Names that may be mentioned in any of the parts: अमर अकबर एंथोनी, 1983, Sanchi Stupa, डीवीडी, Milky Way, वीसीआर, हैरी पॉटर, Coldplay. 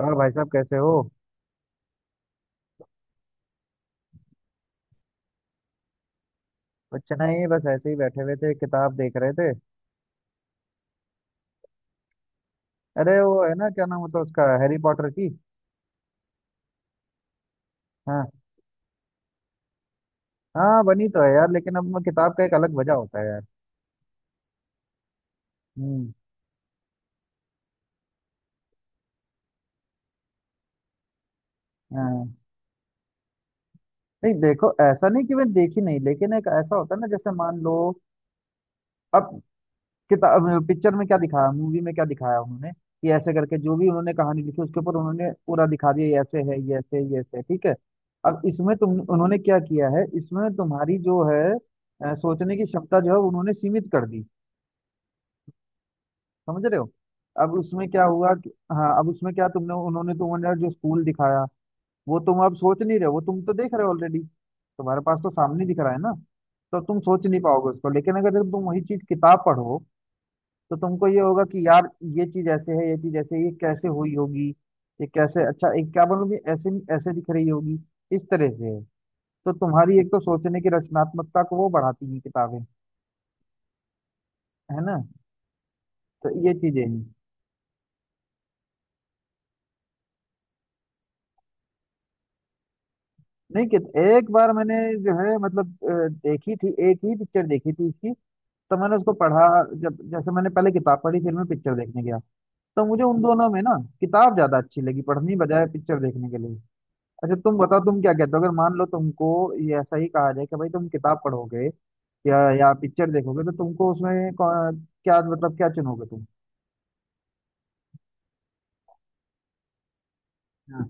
और भाई साहब कैसे हो? कुछ नहीं बस ऐसे ही बैठे हुए थे किताब देख रहे थे। अरे वो है ना क्या नाम होता है उसका हैरी पॉटर की। हाँ। हाँ बनी तो है यार लेकिन अब मैं किताब का एक अलग वजह होता है यार। हम्म। हाँ। नहीं देखो ऐसा नहीं कि मैं देखी नहीं लेकिन एक ऐसा होता है ना जैसे मान लो। अब किताब पिक्चर में क्या दिखाया मूवी में क्या दिखाया उन्होंने कि ऐसे करके जो भी उन्होंने कहानी लिखी उसके ऊपर उन्होंने पूरा दिखा दिया ये ऐसे है ये ऐसे ठीक है। अब इसमें तुम उन्होंने क्या किया है इसमें तुम्हारी जो है सोचने की क्षमता जो है उन्होंने सीमित कर दी। समझ रहे हो? अब उसमें क्या हुआ कि हाँ अब उसमें क्या तुमने उन्होंने तुम्हें जो स्कूल दिखाया वो तुम अब सोच नहीं रहे हो वो तुम तो देख रहे हो ऑलरेडी। तुम्हारे पास तो सामने दिख रहा है ना। तो तुम सोच नहीं पाओगे उसको लेकिन अगर तुम वही चीज किताब पढ़ो तो तुमको ये होगा कि यार ये चीज ऐसे है ये चीज ऐसे है, ये कैसे हुई होगी। ये कैसे अच्छा एक क्या बोलूं कि ऐसे नहीं ऐसे दिख रही होगी इस तरह से है। तो तुम्हारी एक तो सोचने की रचनात्मकता को वो बढ़ाती हैं किताबें। है ना? तो ये चीजें हैं। नहीं कि एक बार मैंने जो है मतलब देखी थी एक ही पिक्चर देखी थी इसकी। तो मैंने उसको पढ़ा। जब जैसे मैंने पहले किताब पढ़ी फिर मैं पिक्चर देखने गया तो मुझे उन दोनों में ना किताब ज्यादा अच्छी लगी पढ़ने बजाय पिक्चर देखने के लिए। अच्छा तुम बताओ तुम क्या कहते हो अगर मान लो तुमको ये ऐसा ही कहा जाए कि भाई तुम किताब पढ़ोगे या पिक्चर देखोगे तो तुमको उसमें क्या मतलब क्या चुनोगे तुम? हाँ,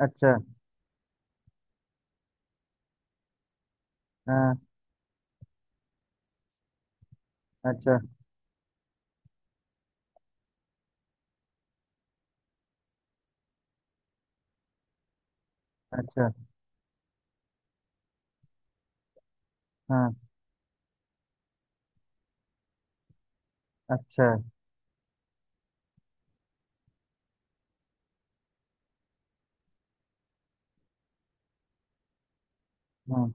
अच्छा। हाँ, अच्छा। अच्छा। हाँ। अच्छा। हाँ।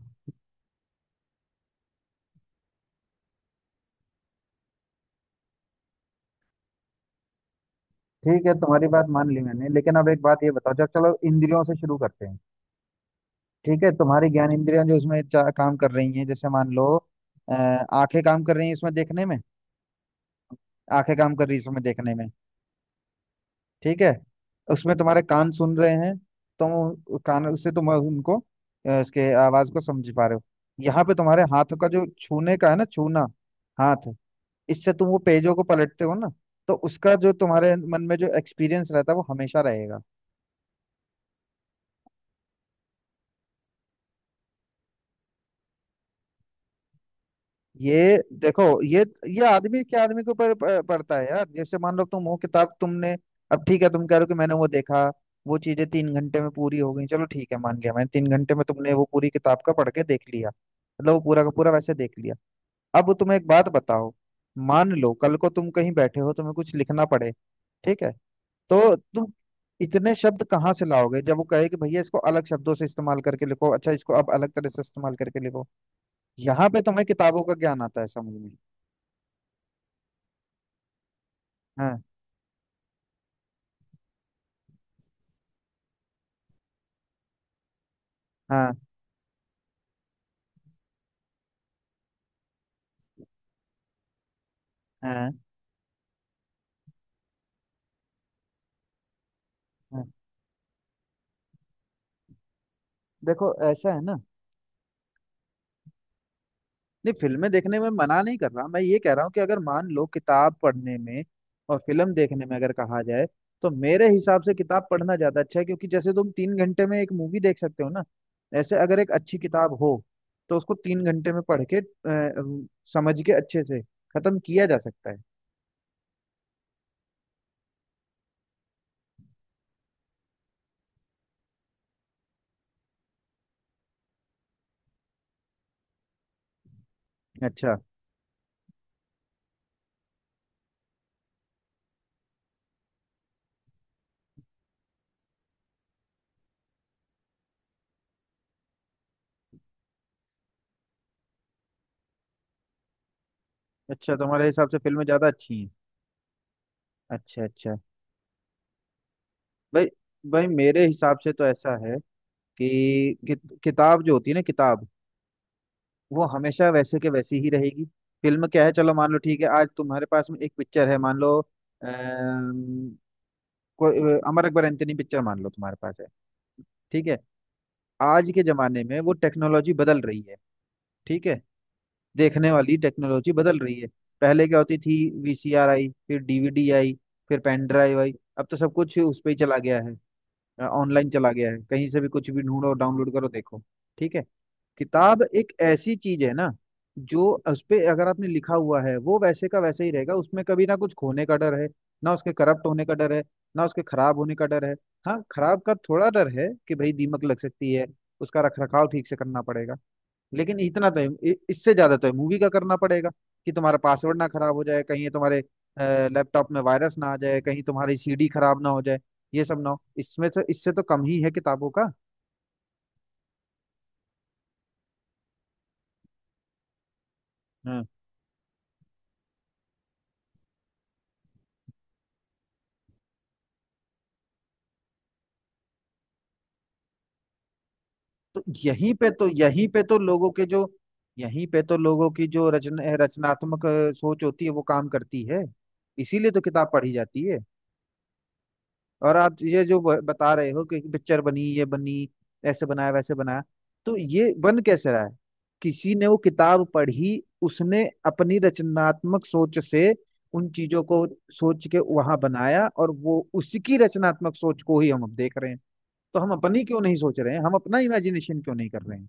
ठीक है तुम्हारी बात मान ली मैंने लेकिन अब एक बात ये बताओ जब चलो इंद्रियों से शुरू करते हैं। ठीक है तुम्हारी ज्ञान इंद्रियां जो उसमें काम कर रही हैं जैसे मान लो आंखें काम कर रही हैं इसमें देखने में। आंखें काम कर रही हैं इसमें देखने में। ठीक है। उसमें तुम्हारे कान सुन रहे हैं। तुम कान उससे तुम उनको उसके आवाज को समझ पा रहे हो। यहाँ पे तुम्हारे हाथ का जो छूने का है ना छूना हाथ इससे तुम वो पेजों को पलटते हो ना। तो उसका जो तुम्हारे मन में जो एक्सपीरियंस रहता है वो हमेशा रहेगा। ये देखो ये आदमी के ऊपर पड़ता है यार जैसे मान लो तुम वो किताब तुमने। अब ठीक है तुम कह रहे हो कि मैंने वो देखा वो चीजें तीन घंटे में पूरी हो गई चलो ठीक है मान लिया मैंने तीन घंटे में तुमने वो पूरी किताब का पढ़ के देख लिया मतलब वो पूरा का पूरा वैसे देख लिया। अब तुम्हें एक बात बताओ। मान लो कल को तुम कहीं बैठे हो तुम्हें कुछ लिखना पड़े। ठीक है। तो तुम इतने शब्द कहाँ से लाओगे जब वो कहे कि भैया इसको अलग शब्दों से इस्तेमाल करके लिखो अच्छा इसको अब अलग तरह से इस्तेमाल करके लिखो। यहाँ पे तुम्हें किताबों का ज्ञान आता है समझ में। हाँ। हाँ हाँ हाँ। देखो ऐसा है ना। नहीं फिल्में देखने में मना नहीं कर रहा मैं ये कह रहा हूँ कि अगर मान लो किताब पढ़ने में और फिल्म देखने में अगर कहा जाए तो मेरे हिसाब से किताब पढ़ना ज्यादा अच्छा है क्योंकि जैसे तुम तीन घंटे में एक मूवी देख सकते हो ना ऐसे अगर एक अच्छी किताब हो तो उसको तीन घंटे में पढ़ के समझ के अच्छे से खत्म किया जा सकता है। अच्छा। अच्छा तुम्हारे हिसाब से फिल्में ज्यादा अच्छी हैं। अच्छा अच्छा। भाई। भाई मेरे हिसाब से तो ऐसा है कि किताब जो होती है ना किताब वो हमेशा वैसे के वैसी ही रहेगी। फिल्म क्या है चलो मान लो ठीक है आज तुम्हारे पास में एक पिक्चर है मान लो। अम, कोई अमर अकबर एंथोनी पिक्चर मान लो तुम्हारे पास है। ठीक है। आज के जमाने में वो टेक्नोलॉजी बदल रही है। ठीक है। देखने वाली टेक्नोलॉजी बदल रही है। पहले क्या होती थी वीसीआर आई फिर डीवीडी आई फिर पेन ड्राइव आई अब तो सब कुछ उस पे ही चला गया है। ऑनलाइन चला गया है कहीं से भी कुछ भी ढूंढो डाउनलोड करो देखो। ठीक है। किताब एक ऐसी चीज है ना जो उस पे अगर आपने लिखा हुआ है वो वैसे का वैसे ही रहेगा उसमें कभी ना कुछ खोने का डर है ना उसके करप्ट होने का डर है ना उसके खराब होने का डर है। हाँ खराब का थोड़ा डर है कि भाई दीमक लग सकती है उसका रख रखाव ठीक से करना पड़ेगा लेकिन इतना तो है इससे ज्यादा तो है मूवी का करना पड़ेगा कि तुम्हारा पासवर्ड ना खराब हो जाए कहीं ये तुम्हारे लैपटॉप में वायरस ना आ जाए कहीं तुम्हारी सीडी खराब ना हो जाए ये सब ना हो इसमें तो इससे तो कम ही है किताबों का। तो यहीं पे तो लोगों की जो रचनात्मक सोच होती है वो काम करती है। इसीलिए तो किताब पढ़ी जाती है। और आप ये जो बता रहे हो कि पिक्चर बनी ये बनी ऐसे बनाया वैसे बनाया तो ये बन कैसे रहा है? किसी ने वो किताब पढ़ी उसने अपनी रचनात्मक सोच से उन चीजों को सोच के वहां बनाया और वो उसकी रचनात्मक सोच को ही हम अब देख रहे हैं। तो हम अपनी क्यों नहीं सोच रहे हैं हम अपना इमेजिनेशन क्यों नहीं कर रहे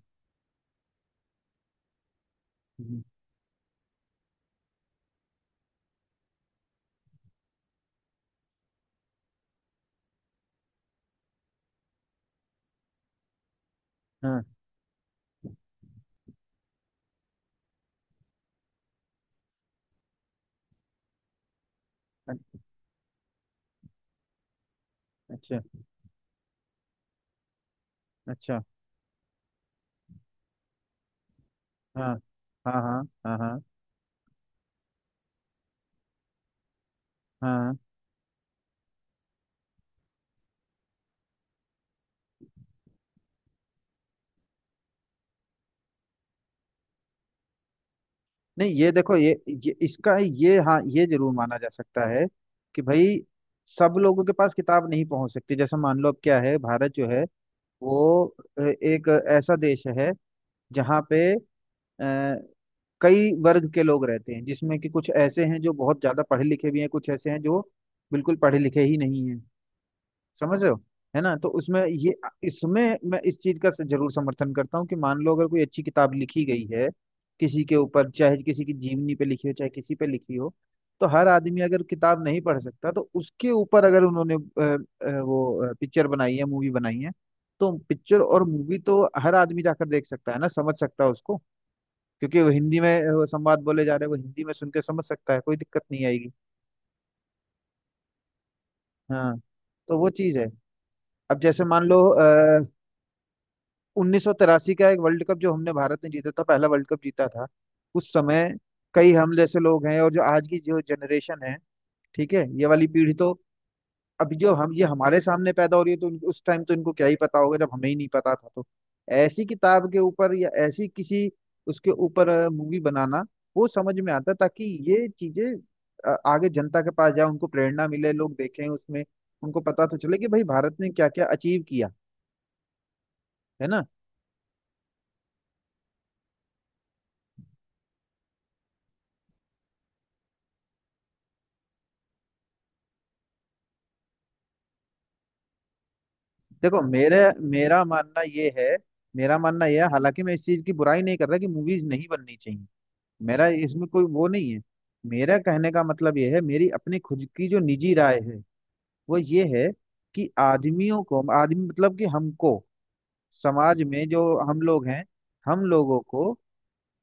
हैं? हाँ। अ- अच्छा। अच्छा। हाँ हाँ हाँ हाँ हाँ हाँ। नहीं ये देखो ये इसका ये हाँ ये जरूर माना जा सकता है कि भाई सब लोगों के पास किताब नहीं पहुंच सकती जैसे मान लो अब क्या है भारत जो है वो एक ऐसा देश है जहाँ पे अ, कई वर्ग के लोग रहते हैं जिसमें कि कुछ ऐसे हैं जो बहुत ज्यादा पढ़े लिखे भी हैं कुछ ऐसे हैं जो बिल्कुल पढ़े लिखे ही नहीं हैं। समझ रहे हो? है ना तो उसमें ये इसमें मैं इस चीज का जरूर समर्थन करता हूँ कि मान लो अगर कोई अच्छी किताब लिखी गई है किसी के ऊपर चाहे किसी की जीवनी पे लिखी हो चाहे किसी पे लिखी हो तो हर आदमी अगर किताब नहीं पढ़ सकता तो उसके ऊपर अगर उन्होंने वो पिक्चर बनाई है मूवी बनाई है तो पिक्चर और मूवी तो हर आदमी जाकर देख सकता है ना समझ सकता है उसको क्योंकि वो हिंदी में वो संवाद बोले जा रहे हैं वो हिंदी में सुन के समझ सकता है कोई दिक्कत नहीं आएगी। हाँ। तो वो चीज है। अब जैसे मान लो 1983 का एक वर्ल्ड कप जो हमने भारत ने जीता था पहला वर्ल्ड कप जीता था उस समय कई हम जैसे लोग हैं और जो आज की जो जनरेशन है। ठीक है ये वाली पीढ़ी तो अभी जो हम ये हमारे सामने पैदा हो रही है तो उस टाइम तो इनको क्या ही पता होगा जब हमें ही नहीं पता था तो ऐसी किताब के ऊपर या ऐसी किसी उसके ऊपर मूवी बनाना वो समझ में आता है ताकि ये चीजें आगे जनता के पास जाए उनको प्रेरणा मिले लोग देखें उसमें उनको पता तो चले कि भाई भारत ने क्या क्या अचीव किया। है ना? देखो मेरे मेरा मानना ये है हालांकि मैं इस चीज की बुराई नहीं कर रहा कि मूवीज नहीं बननी चाहिए। मेरा इसमें कोई वो नहीं है। मेरा कहने का मतलब ये है मेरी अपनी खुद की जो निजी राय है वो ये है कि आदमियों को आदमी मतलब कि हमको समाज में जो हम लोग हैं हम लोगों को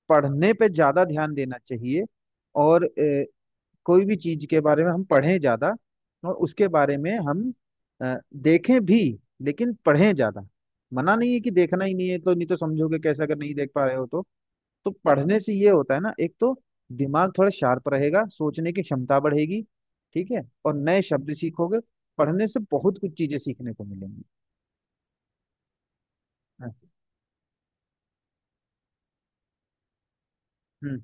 पढ़ने पे ज्यादा ध्यान देना चाहिए और कोई भी चीज के बारे में हम पढ़ें ज्यादा और उसके बारे में हम अ, देखें भी लेकिन पढ़ें ज्यादा। मना नहीं है कि देखना ही नहीं है तो नहीं तो समझोगे कैसे अगर नहीं देख पा रहे हो तो। तो पढ़ने से ये होता है ना एक तो दिमाग थोड़ा शार्प रहेगा सोचने की क्षमता बढ़ेगी। ठीक है। और नए शब्द सीखोगे पढ़ने से बहुत कुछ चीजें सीखने को मिलेंगी। हाँ, हम्म।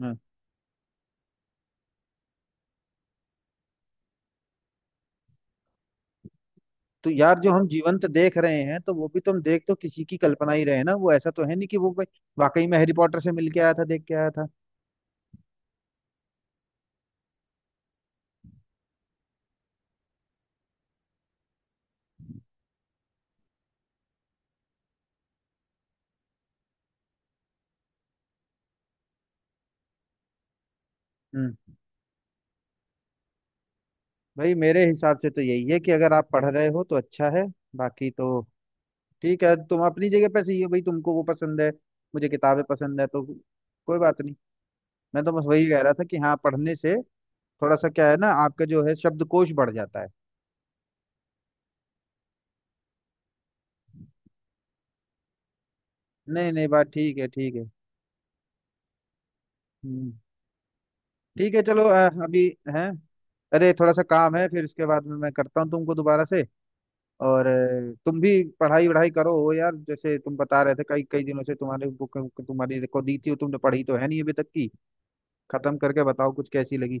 हाँ। तो यार जो हम जीवंत देख रहे हैं तो वो भी तुम देख तो किसी की कल्पना ही रहे ना वो ऐसा तो है नहीं कि वो भाई वाकई में हैरी पॉटर से मिल के आया था देख के आया था। हम्म। भाई मेरे हिसाब से तो यही है कि अगर आप पढ़ रहे हो तो अच्छा है बाकी तो ठीक है तुम अपनी जगह पे सही हो भाई तुमको वो पसंद है मुझे किताबें पसंद है तो कोई बात नहीं मैं तो बस वही कह रहा था कि हाँ पढ़ने से थोड़ा सा क्या है ना आपका जो है शब्दकोश बढ़ जाता है। नहीं नहीं बात ठीक है ठीक है। हम्म। ठीक है चलो अभी है अरे थोड़ा सा काम है फिर इसके बाद में मैं करता हूँ तुमको दोबारा से और तुम भी पढ़ाई वढ़ाई करो हो यार जैसे तुम बता रहे थे कई कई दिनों से तुम्हारे बुक तुम्हारी को दी थी वो तुमने पढ़ी तो है नहीं अभी तक की। खत्म करके बताओ कुछ कैसी लगी।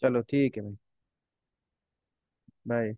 चलो ठीक है भाई बाय।